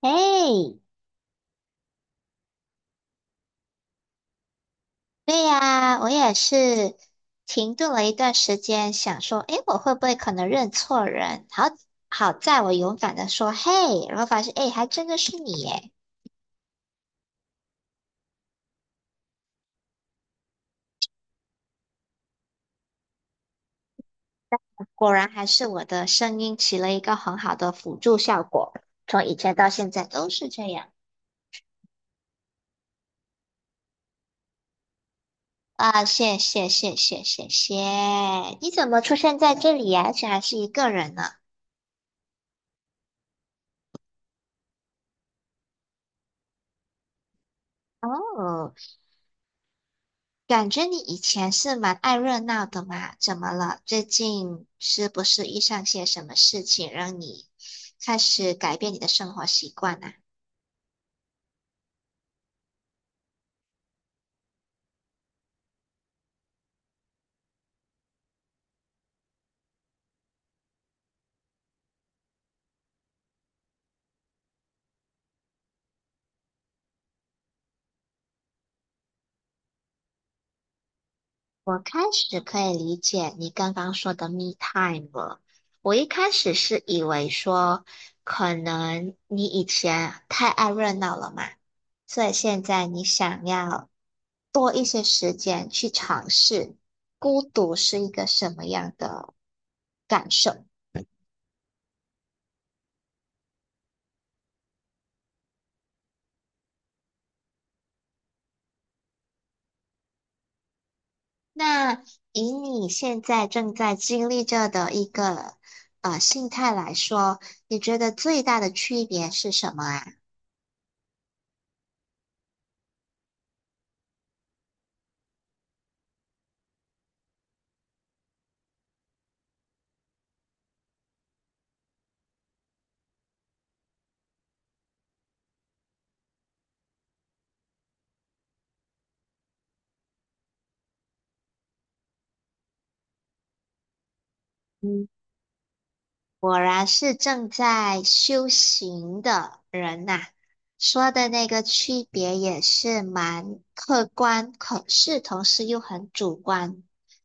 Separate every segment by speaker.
Speaker 1: 哎，对呀，我也是停顿了一段时间，想说，哎，我会不会可能认错人？好，好在我勇敢的说，嘿，然后发现，哎，还真的是你耶！果然还是我的声音起了一个很好的辅助效果，从以前到现在都是这样啊！谢谢，谢谢，谢谢！你怎么出现在这里呀？而且还是一个人呢？哦。感觉你以前是蛮爱热闹的嘛，怎么了？最近是不是遇上些什么事情，让你开始改变你的生活习惯啊？我开始可以理解你刚刚说的 me time 了。我一开始是以为说，可能你以前太爱热闹了嘛，所以现在你想要多一些时间去尝试孤独是一个什么样的感受。那以你现在正在经历着的一个心态来说，你觉得最大的区别是什么啊？嗯，果然是正在修行的人呐、说的那个区别也是蛮客观，可是同时又很主观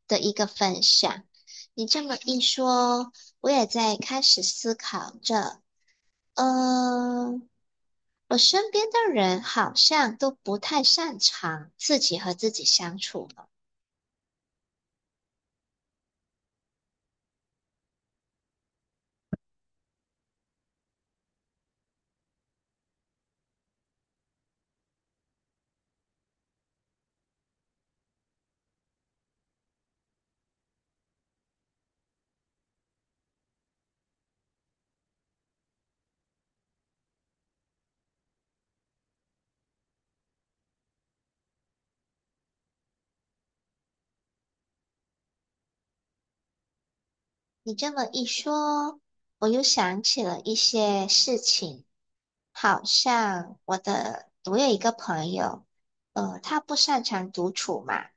Speaker 1: 的一个分享。你这么一说，我也在开始思考着，嗯、我身边的人好像都不太擅长自己和自己相处呢。你这么一说，我又想起了一些事情，好像我的，我有一个朋友，他不擅长独处嘛，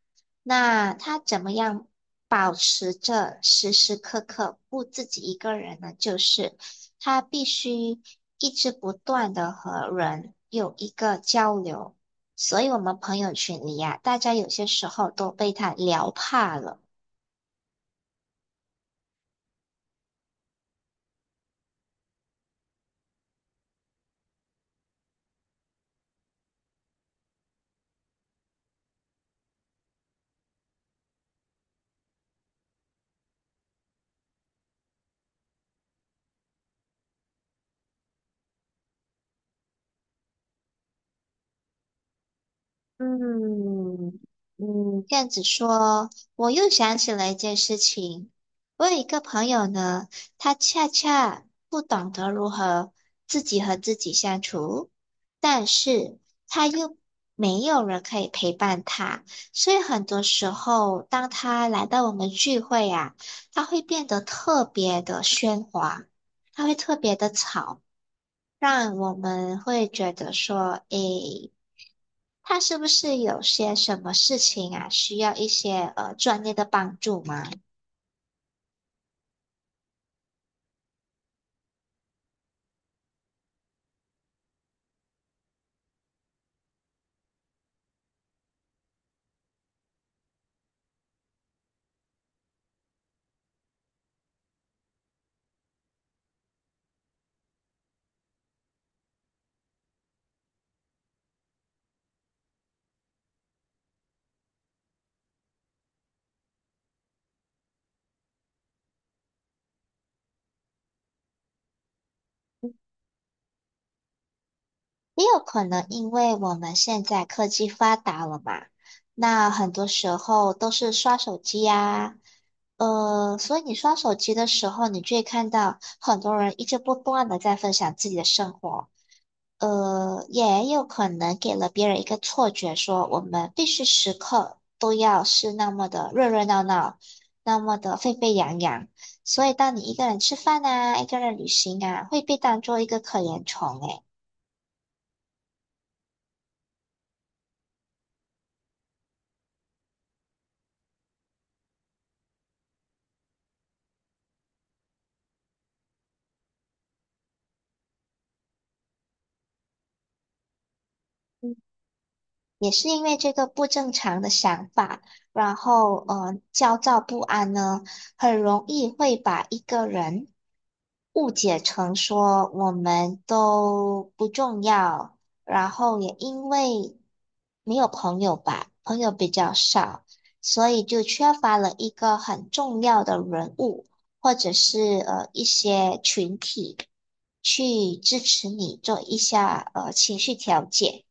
Speaker 1: 那他怎么样保持着时时刻刻不自己一个人呢？就是他必须一直不断的和人有一个交流，所以我们朋友群里呀，大家有些时候都被他聊怕了。嗯嗯，这样子说，我又想起了一件事情。我有一个朋友呢，他恰恰不懂得如何自己和自己相处，但是他又没有人可以陪伴他，所以很多时候，当他来到我们聚会啊，他会变得特别的喧哗，他会特别的吵。让我们会觉得说，诶，他是不是有些什么事情啊，需要一些专业的帮助吗？也有可能因为我们现在科技发达了嘛，那很多时候都是刷手机呀，所以你刷手机的时候，你就会看到很多人一直不断的在分享自己的生活。也有可能给了别人一个错觉，说我们必须时刻都要是那么的热热闹闹，那么的沸沸扬扬。所以，当你一个人吃饭啊，一个人旅行啊，会被当做一个可怜虫诶。也是因为这个不正常的想法，然后焦躁不安呢，很容易会把一个人误解成说我们都不重要，然后也因为没有朋友吧，朋友比较少，所以就缺乏了一个很重要的人物，或者是一些群体去支持你做一下情绪调节。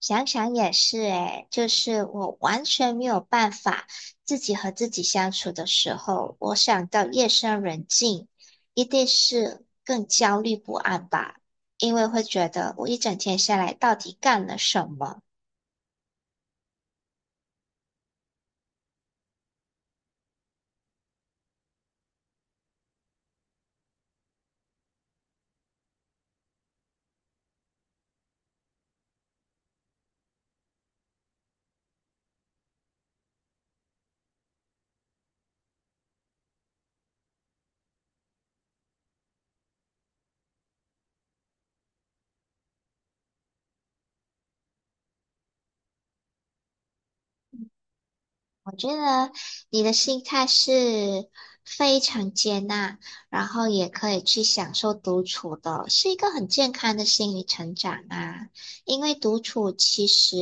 Speaker 1: 想想也是诶，就是我完全没有办法自己和自己相处的时候，我想到夜深人静，一定是更焦虑不安吧，因为会觉得我一整天下来到底干了什么。觉得你的心态是非常接纳，然后也可以去享受独处的，是一个很健康的心理成长啊。因为独处其实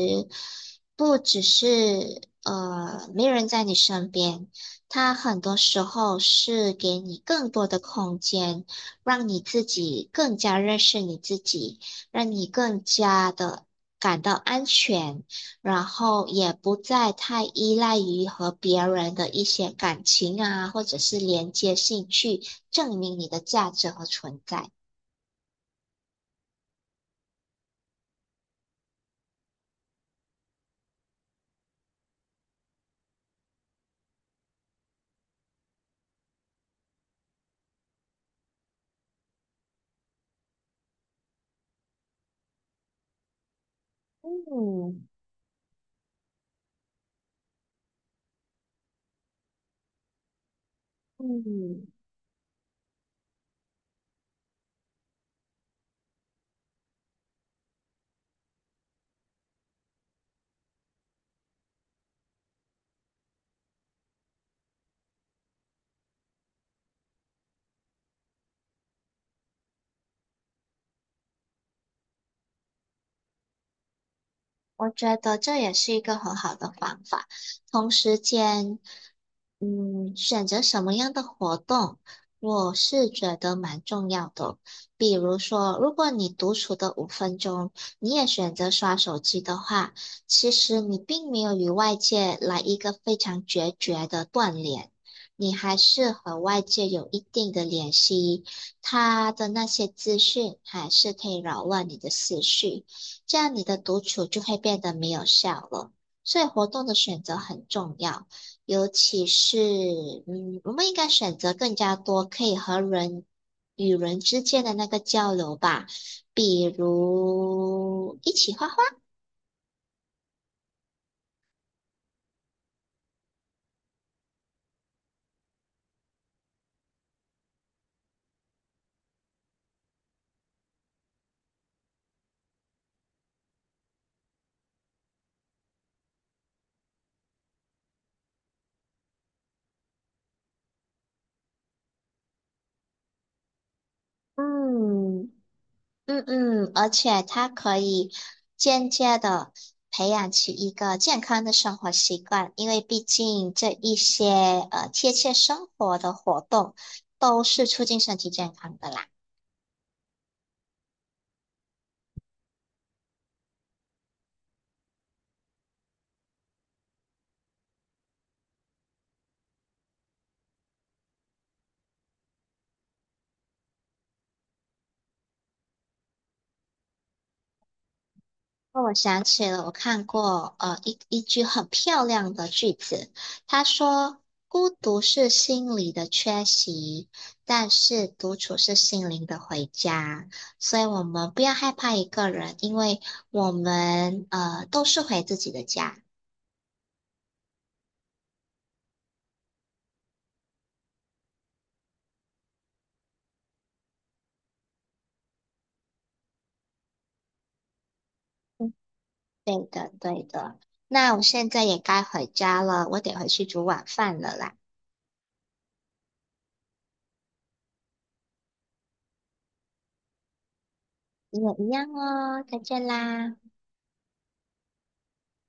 Speaker 1: 不只是没人在你身边，它很多时候是给你更多的空间，让你自己更加认识你自己，让你更加的感到安全。然后也不再太依赖于和别人的一些感情啊，或者是连接性去证明你的价值和存在。嗯嗯，我觉得这也是一个很好的方法。同时间，嗯，选择什么样的活动，我是觉得蛮重要的哦。比如说，如果你独处的5分钟，你也选择刷手机的话，其实你并没有与外界来一个非常决绝的断联，你还是和外界有一定的联系，他的那些资讯还是可以扰乱你的思绪。这样你的独处就会变得没有效了。所以活动的选择很重要，尤其是嗯，我们应该选择更加多可以和人与人之间的那个交流吧，比如一起画画。嗯嗯嗯，而且它可以间接的培养起一个健康的生活习惯，因为毕竟这一些贴切生活的活动都是促进身体健康的啦。哦，我想起了，我看过一句很漂亮的句子，他说：“孤独是心理的缺席，但是独处是心灵的回家。”所以，我们不要害怕一个人，因为我们都是回自己的家。嗯对的，对的。那我现在也该回家了，我得回去煮晚饭了啦。你也一样哦，再见啦。